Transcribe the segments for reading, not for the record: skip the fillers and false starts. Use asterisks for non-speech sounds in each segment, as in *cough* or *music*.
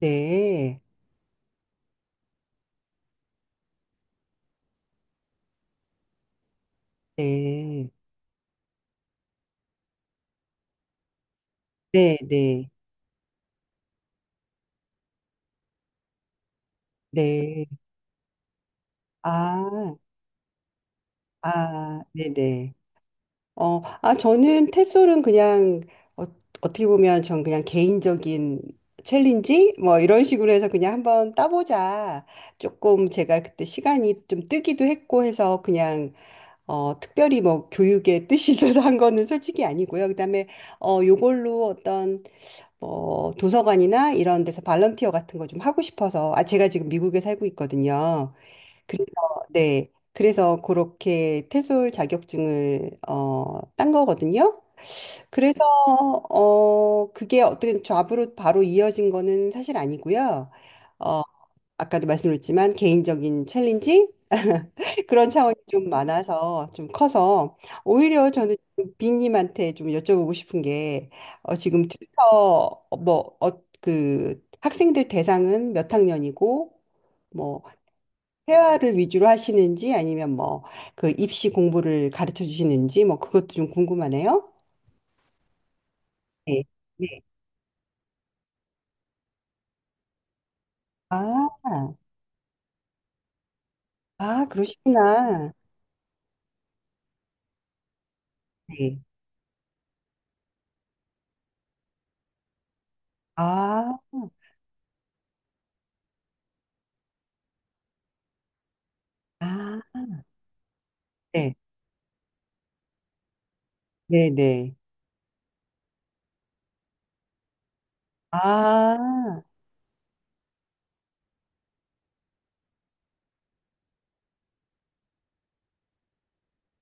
네, 네, 네, 네, 네. 아, 아, 네네. 저는 테솔은 그냥 어, 어떻게 보면 전 그냥 개인적인 챌린지 뭐 이런 식으로 해서 그냥 한번 따보자. 조금 제가 그때 시간이 좀 뜨기도 했고 해서 그냥 특별히 뭐 교육의 *laughs* 뜻이 있어서 한 거는 솔직히 아니고요. 그다음에 요걸로 어떤 뭐 도서관이나 이런 데서 발런티어 같은 거 좀 하고 싶어서 아, 제가 지금 미국에 살고 있거든요. 그래서 네. 그래서 그렇게 테솔 자격증을 딴 거거든요. 그래서 그게 어떻게 잡으로 바로 이어진 거는 사실 아니고요. 어 아까도 말씀드렸지만 개인적인 챌린지 그런 차원이 좀 많아서 좀 커서 오히려 저는 좀 빈님한테 좀 여쭤보고 싶은 게 지금 튜터 뭐그 학생들 대상은 몇 학년이고 뭐 회화를 위주로 하시는지 아니면 뭐 그 입시 공부를 가르쳐 주시는지 뭐 그것도 좀 궁금하네요. 네. 네. 아, 아 그러시구나. 네. 아, 아, 네, 네, 네. 아,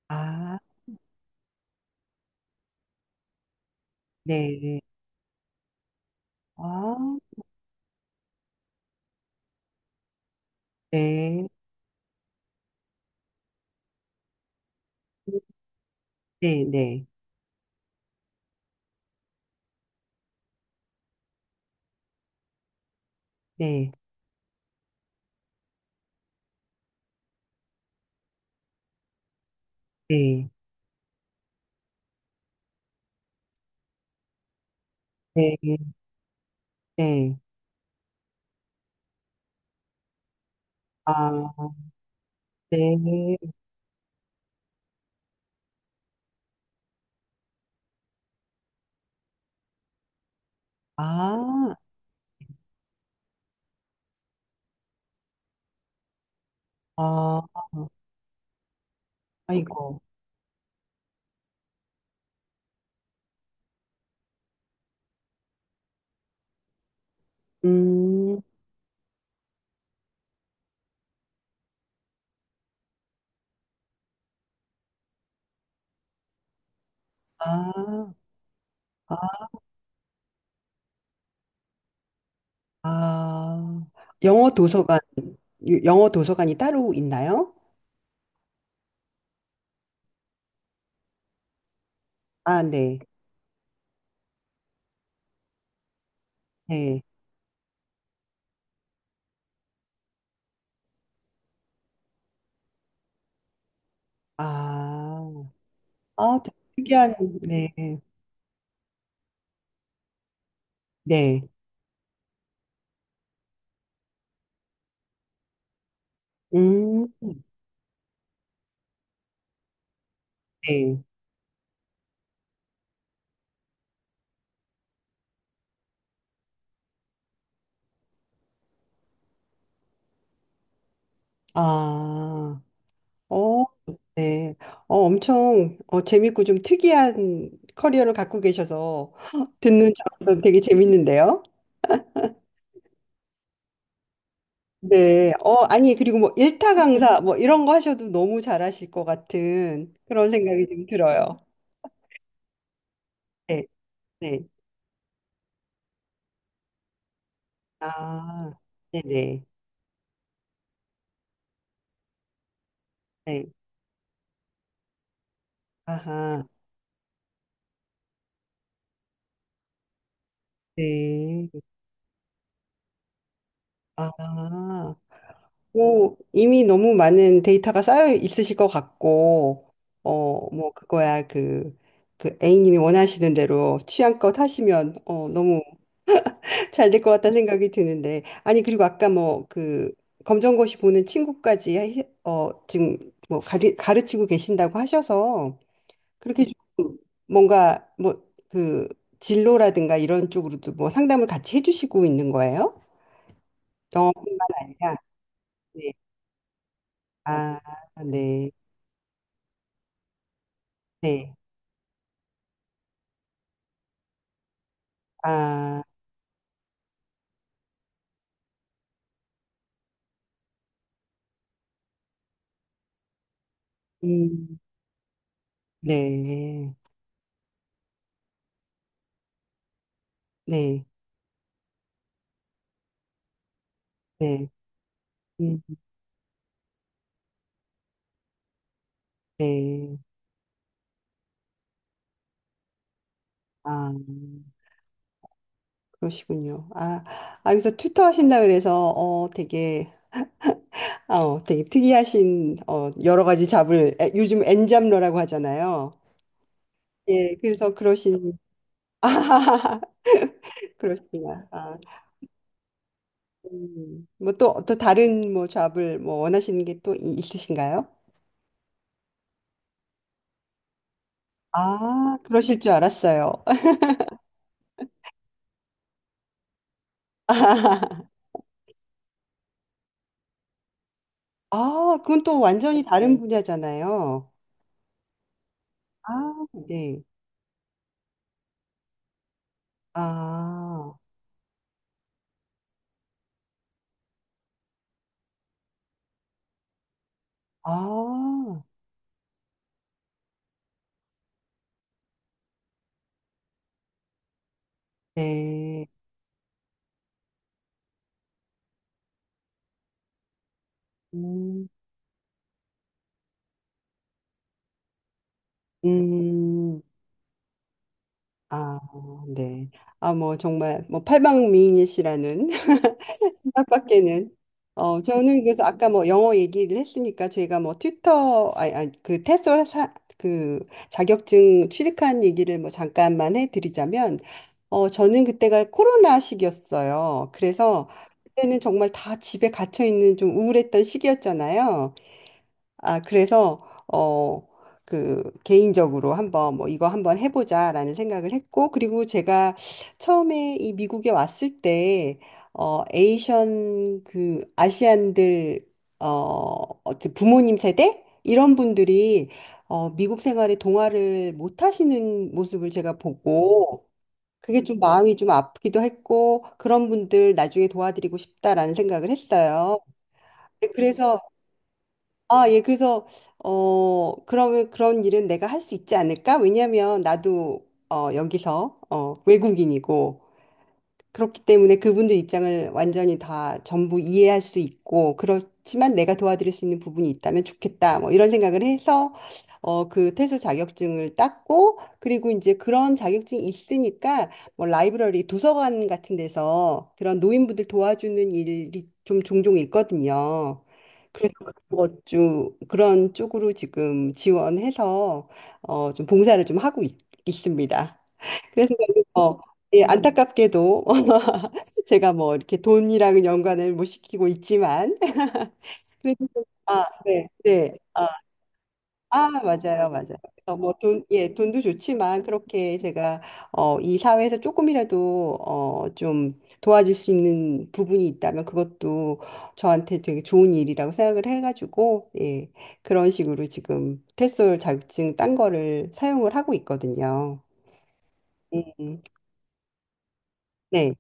아, 네, 네. 아. 네, 네, 네, 네, 네, 네, 네. 아, 네. 아, 아, 아이고. 음, 아, 아, 아. 영어 도서관, 영어 도서관이 따로 있나요? 아, 네, 네. 아, 아, 되게 특이한, 네, 네. 음, 네. 아, 어. 네. 엄청 재밌고 좀 특이한 커리어를 갖고 계셔서 *laughs* 듣는 저도 되게 재밌는데요. 네. 아니, 그리고 뭐 일타 강사 뭐 이런 거 하셔도 너무 잘하실 것 같은 그런 생각이 좀 들어요. 네. 네. 아, 네네. 네. 아하. 네. 아. 뭐 이미 너무 많은 데이터가 쌓여 있으실 것 같고, 뭐 그거야 그 A님이 원하시는 대로 취향껏 하시면 너무 *laughs* 잘 될 것 같다는 생각이 드는데, 아니 그리고 아까 뭐 그 검정고시 보는 친구까지 지금 뭐 가르치고 계신다고 하셔서 그렇게 좀 뭔가 뭐 그 진로라든가 이런 쪽으로도 뭐 상담을 같이 해주시고 있는 거예요? 영어뿐만 아니라, 네, 아, 네, 네. 아, 음, 네, 네, 네, 음, 네. 아, 그러시군요. 아, 아, 여기서 튜터 하신다 그래서, 되게, *laughs* 아, 되게 특이하신, 여러 가지 잡을, 에, 요즘 엔잡러라고 하잖아요. 예, 그래서 그러신, *laughs* 아, 그러시구나. 아, 뭐 또 다른 뭐 잡을 뭐 원하시는 게 또 있으신가요? 아, 그러실 줄 알았어요. *laughs* 아, 그건 또 완전히 다른 네. 분야잖아요. 아, 네. 아, 아, 네. 음, 음, 아, 네. 아, 뭐, 정말, 뭐, 팔방미인이시라는. *laughs* 생각밖에는. 저는 그래서 아까 뭐 영어 얘기를 했으니까 저희가 뭐 튜터, 아니, 아니, 그 테솔 그 자격증 취득한 얘기를 뭐 잠깐만 해드리자면, 저는 그때가 코로나 시기였어요. 그래서 그때는 정말 다 집에 갇혀 있는 좀 우울했던 시기였잖아요. 아, 그래서 어, 그 개인적으로 한번 뭐 이거 한번 해보자라는 생각을 했고 그리고 제가 처음에 이 미국에 왔을 때 어, 에이션 그 아시안들 부모님 세대 이런 분들이 미국 생활에 동화를 못 하시는 모습을 제가 보고 그게 좀 마음이 좀 아프기도 했고 그런 분들 나중에 도와드리고 싶다라는 생각을 했어요. 네, 그래서 아, 예, 그래서, 그러면 그런 일은 내가 할 수 있지 않을까? 왜냐면 나도, 여기서, 외국인이고, 그렇기 때문에 그분들 입장을 완전히 다 전부 이해할 수 있고, 그렇지만 내가 도와드릴 수 있는 부분이 있다면 좋겠다. 뭐 이런 생각을 해서, 그 퇴솔 자격증을 땄고, 그리고 이제 그런 자격증이 있으니까, 뭐 라이브러리, 도서관 같은 데서 그런 노인분들 도와주는 일이 좀 종종 있거든요. 그래서 그것 좀 그런 쪽으로 지금 지원해서 좀 봉사를 좀 하고 있, 습니다 그래서 저는, 예, 안타깝게도 *laughs* 제가 뭐 이렇게 돈이랑 연관을 못 시키고 있지만 *laughs* 그래도 아, 네, 네. 아, 아, 맞아요, 맞아요. 뭐 돈, 예, 돈도 좋지만 그렇게 제가 이 사회에서 조금이라도 좀 도와줄 수 있는 부분이 있다면 그것도 저한테 되게 좋은 일이라고 생각을 해가지고 예, 그런 식으로 지금 테솔 자격증 딴 거를 사용을 하고 있거든요. 음, 네,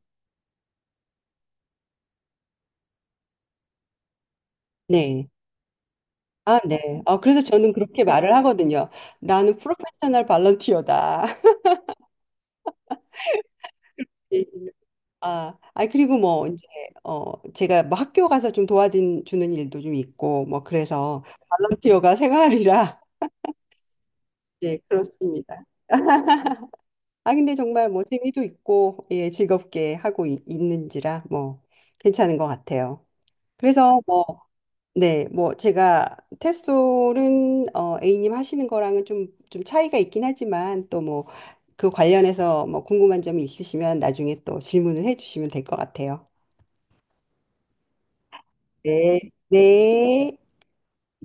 네. 아, 네. 그래서 저는 그렇게 말을 하거든요. 나는 프로페셔널 발런티어다. *laughs* 예. 아, 아 그리고 뭐 이제 제가 뭐 학교 가서 좀 도와주는 일도 좀 있고 뭐 그래서 발런티어가 생활이라 *laughs* 예, 그렇습니다. 아, 근데 정말 뭐 재미도 있고 예, 즐겁게 하고 있는지라 뭐 괜찮은 것 같아요. 그래서 뭐 네, 뭐 제가 테솔은 A님 하시는 거랑은 좀 차이가 있긴 하지만 또 뭐 그 관련해서 뭐 궁금한 점이 있으시면 나중에 또 질문을 해주시면 될 것 같아요. 네, 네.